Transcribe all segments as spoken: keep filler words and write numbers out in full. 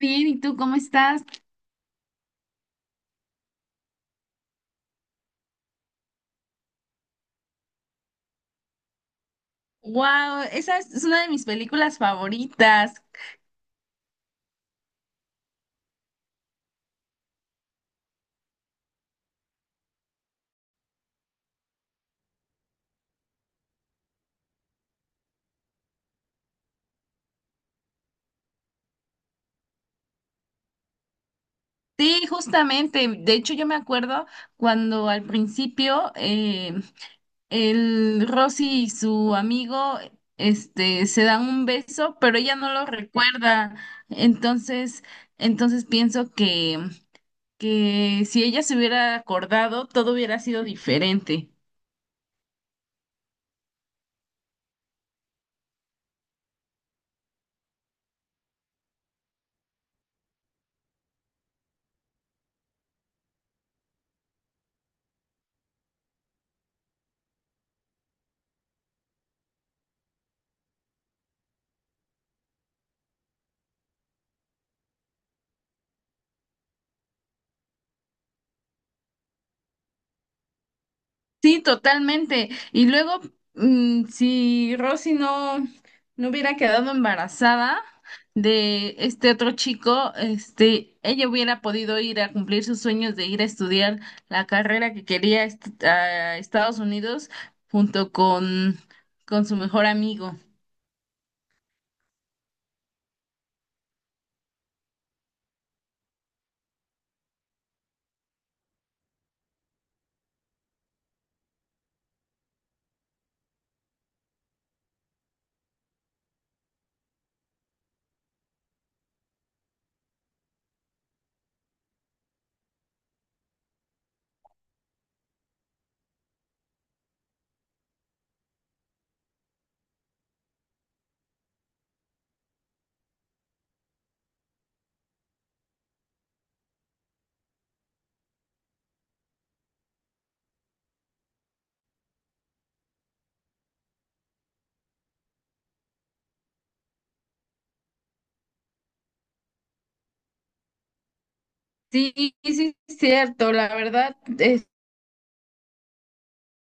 Bien, ¿y tú cómo estás? Wow, esa es es una de mis películas favoritas. Sí, justamente. De hecho, yo me acuerdo cuando al principio eh, el Rosy y su amigo este, se dan un beso, pero ella no lo recuerda. Entonces, entonces pienso que, que si ella se hubiera acordado, todo hubiera sido diferente. Sí, totalmente. Y luego, mm, si Rosy no, no hubiera quedado embarazada de este otro chico, este, ella hubiera podido ir a cumplir sus sueños de ir a estudiar la carrera que quería est- a Estados Unidos junto con, con su mejor amigo. Sí, sí, sí, es cierto, la verdad,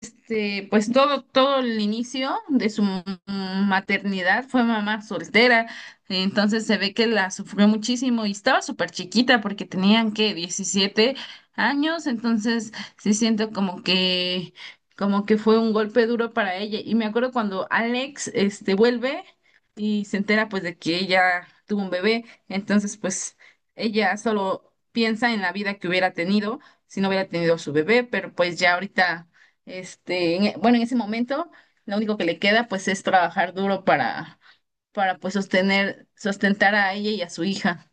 este, pues todo, todo el inicio de su maternidad fue mamá soltera, entonces se ve que la sufrió muchísimo y estaba súper chiquita porque tenían que diecisiete años, entonces sí siento como que, como que fue un golpe duro para ella. Y me acuerdo cuando Alex, este, vuelve y se entera pues de que ella tuvo un bebé, entonces pues ella solo piensa en la vida que hubiera tenido si no hubiera tenido su bebé, pero pues ya ahorita este, en e- bueno, en ese momento lo único que le queda pues es trabajar duro para, para pues sostener, sustentar a ella y a su hija.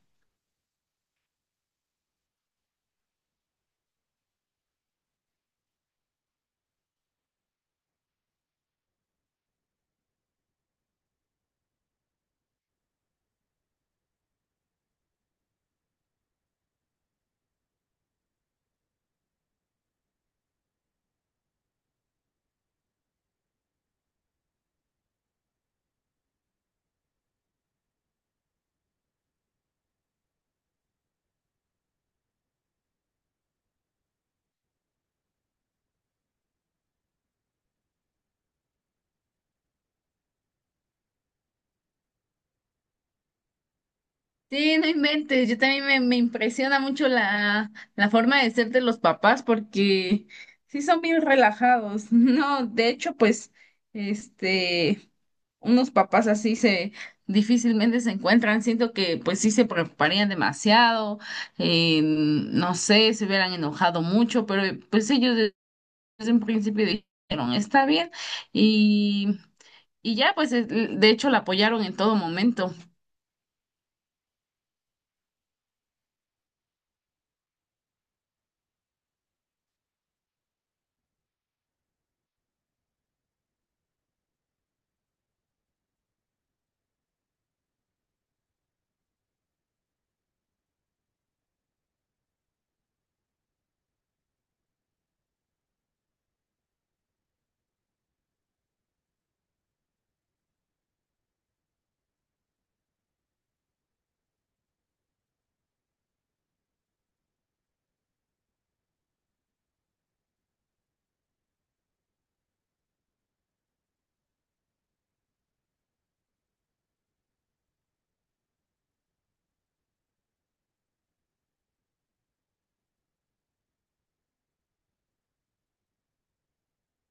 Sí, no inventes, yo también me, me impresiona mucho la, la forma de ser de los papás porque sí son bien relajados. No, de hecho, pues, este, unos papás así se difícilmente se encuentran. Siento que pues sí se preocuparían demasiado, eh, no sé, se hubieran enojado mucho, pero pues ellos desde un principio dijeron, está bien, y, y ya, pues, eh, de hecho, la apoyaron en todo momento.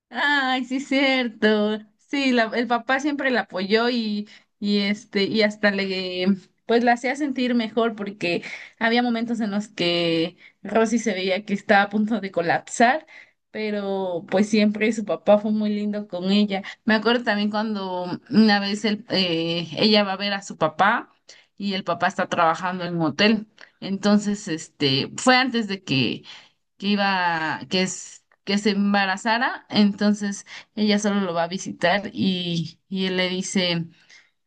Ay, sí, cierto. Sí, la- el papá siempre la apoyó y, y este, y hasta le, pues la hacía sentir mejor porque había momentos en los que Rosy se veía que estaba a punto de colapsar, pero pues siempre su papá fue muy lindo con ella. Me acuerdo también cuando una vez el- eh, ella va a ver a su papá y el papá está trabajando en un hotel. Entonces, este, fue antes de que que iba, que es, que se embarazara, entonces ella solo lo va a visitar y, y él le dice,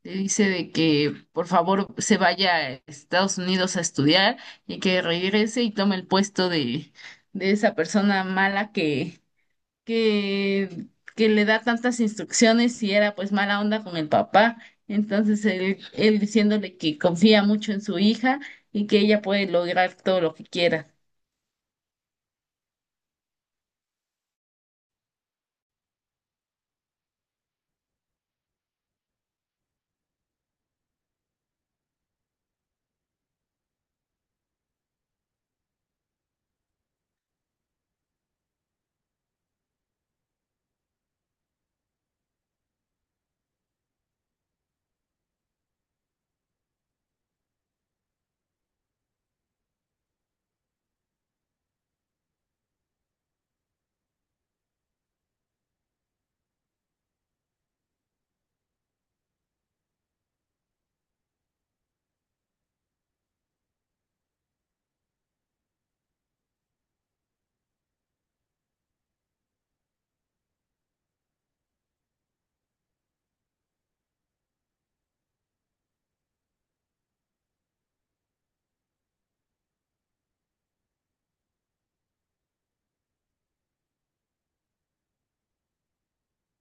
le dice de que por favor se vaya a Estados Unidos a estudiar y que regrese y tome el puesto de, de esa persona mala que, que, que le da tantas instrucciones y era pues mala onda con el papá. Entonces él, él diciéndole que confía mucho en su hija y que ella puede lograr todo lo que quiera.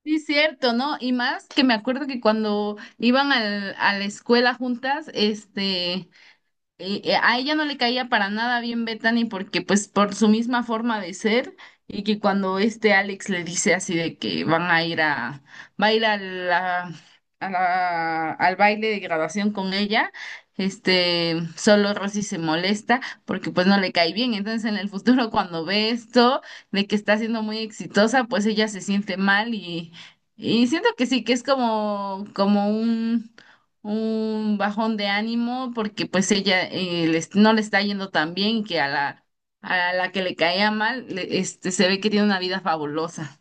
Sí, cierto, ¿no? Y más que me acuerdo que cuando iban al, a la escuela juntas, este, eh, eh, a ella no le caía para nada bien Bethany porque pues por su misma forma de ser y que cuando este Alex le dice así de que van a ir a, va a ir a la, a la- al baile de graduación con ella, este, solo Rosy se molesta porque pues no le cae bien. Entonces en el futuro cuando ve esto de que está siendo muy exitosa, pues ella se siente mal y, y siento que sí, que es como, como un un bajón de ánimo porque pues ella eh, les- no le está yendo tan bien y que a la, a la que le caía mal le- este, se ve que tiene una vida fabulosa.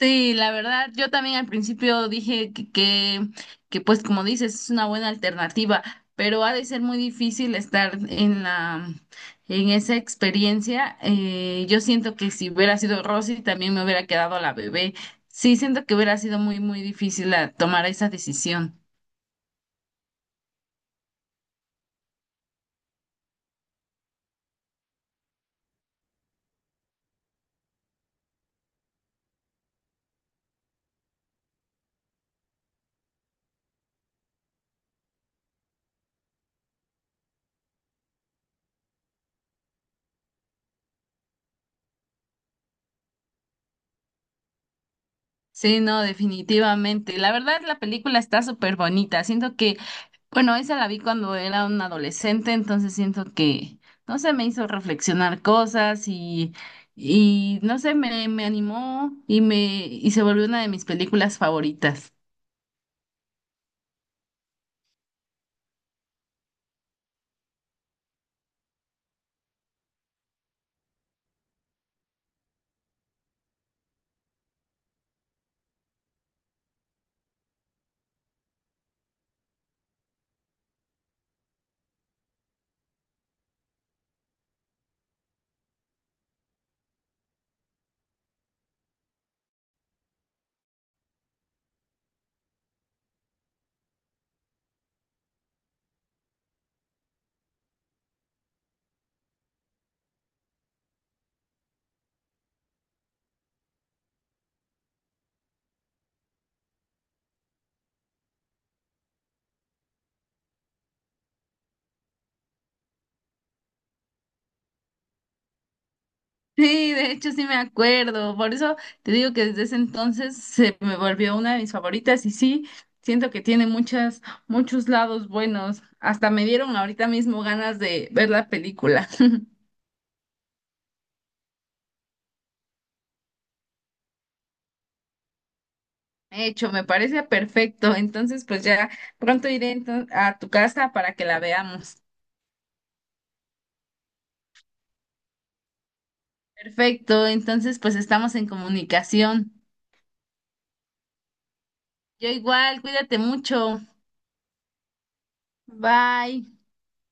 Sí, la verdad, yo también al principio dije que, que, que, pues como dices, es una buena alternativa, pero ha de ser muy difícil estar en la, en esa experiencia. Eh, yo siento que si hubiera sido Rosy, también me hubiera quedado la bebé. Sí, siento que hubiera sido muy, muy difícil ah, tomar esa decisión. Sí, no, definitivamente. La verdad, la película está súper bonita. Siento que, bueno, esa la vi cuando era un adolescente, entonces siento que, no sé, me hizo reflexionar cosas y, y no sé, me, me animó y me, y se volvió una de mis películas favoritas. Sí, de hecho sí me acuerdo. Por eso te digo que desde ese entonces se me volvió una de mis favoritas y sí, siento que tiene muchas, muchos lados buenos. Hasta me dieron ahorita mismo ganas de ver la película. Hecho, me parece perfecto. Entonces, pues ya pronto iré ento- a tu casa para que la veamos. Perfecto, entonces pues estamos en comunicación. Yo igual, cuídate mucho. Bye.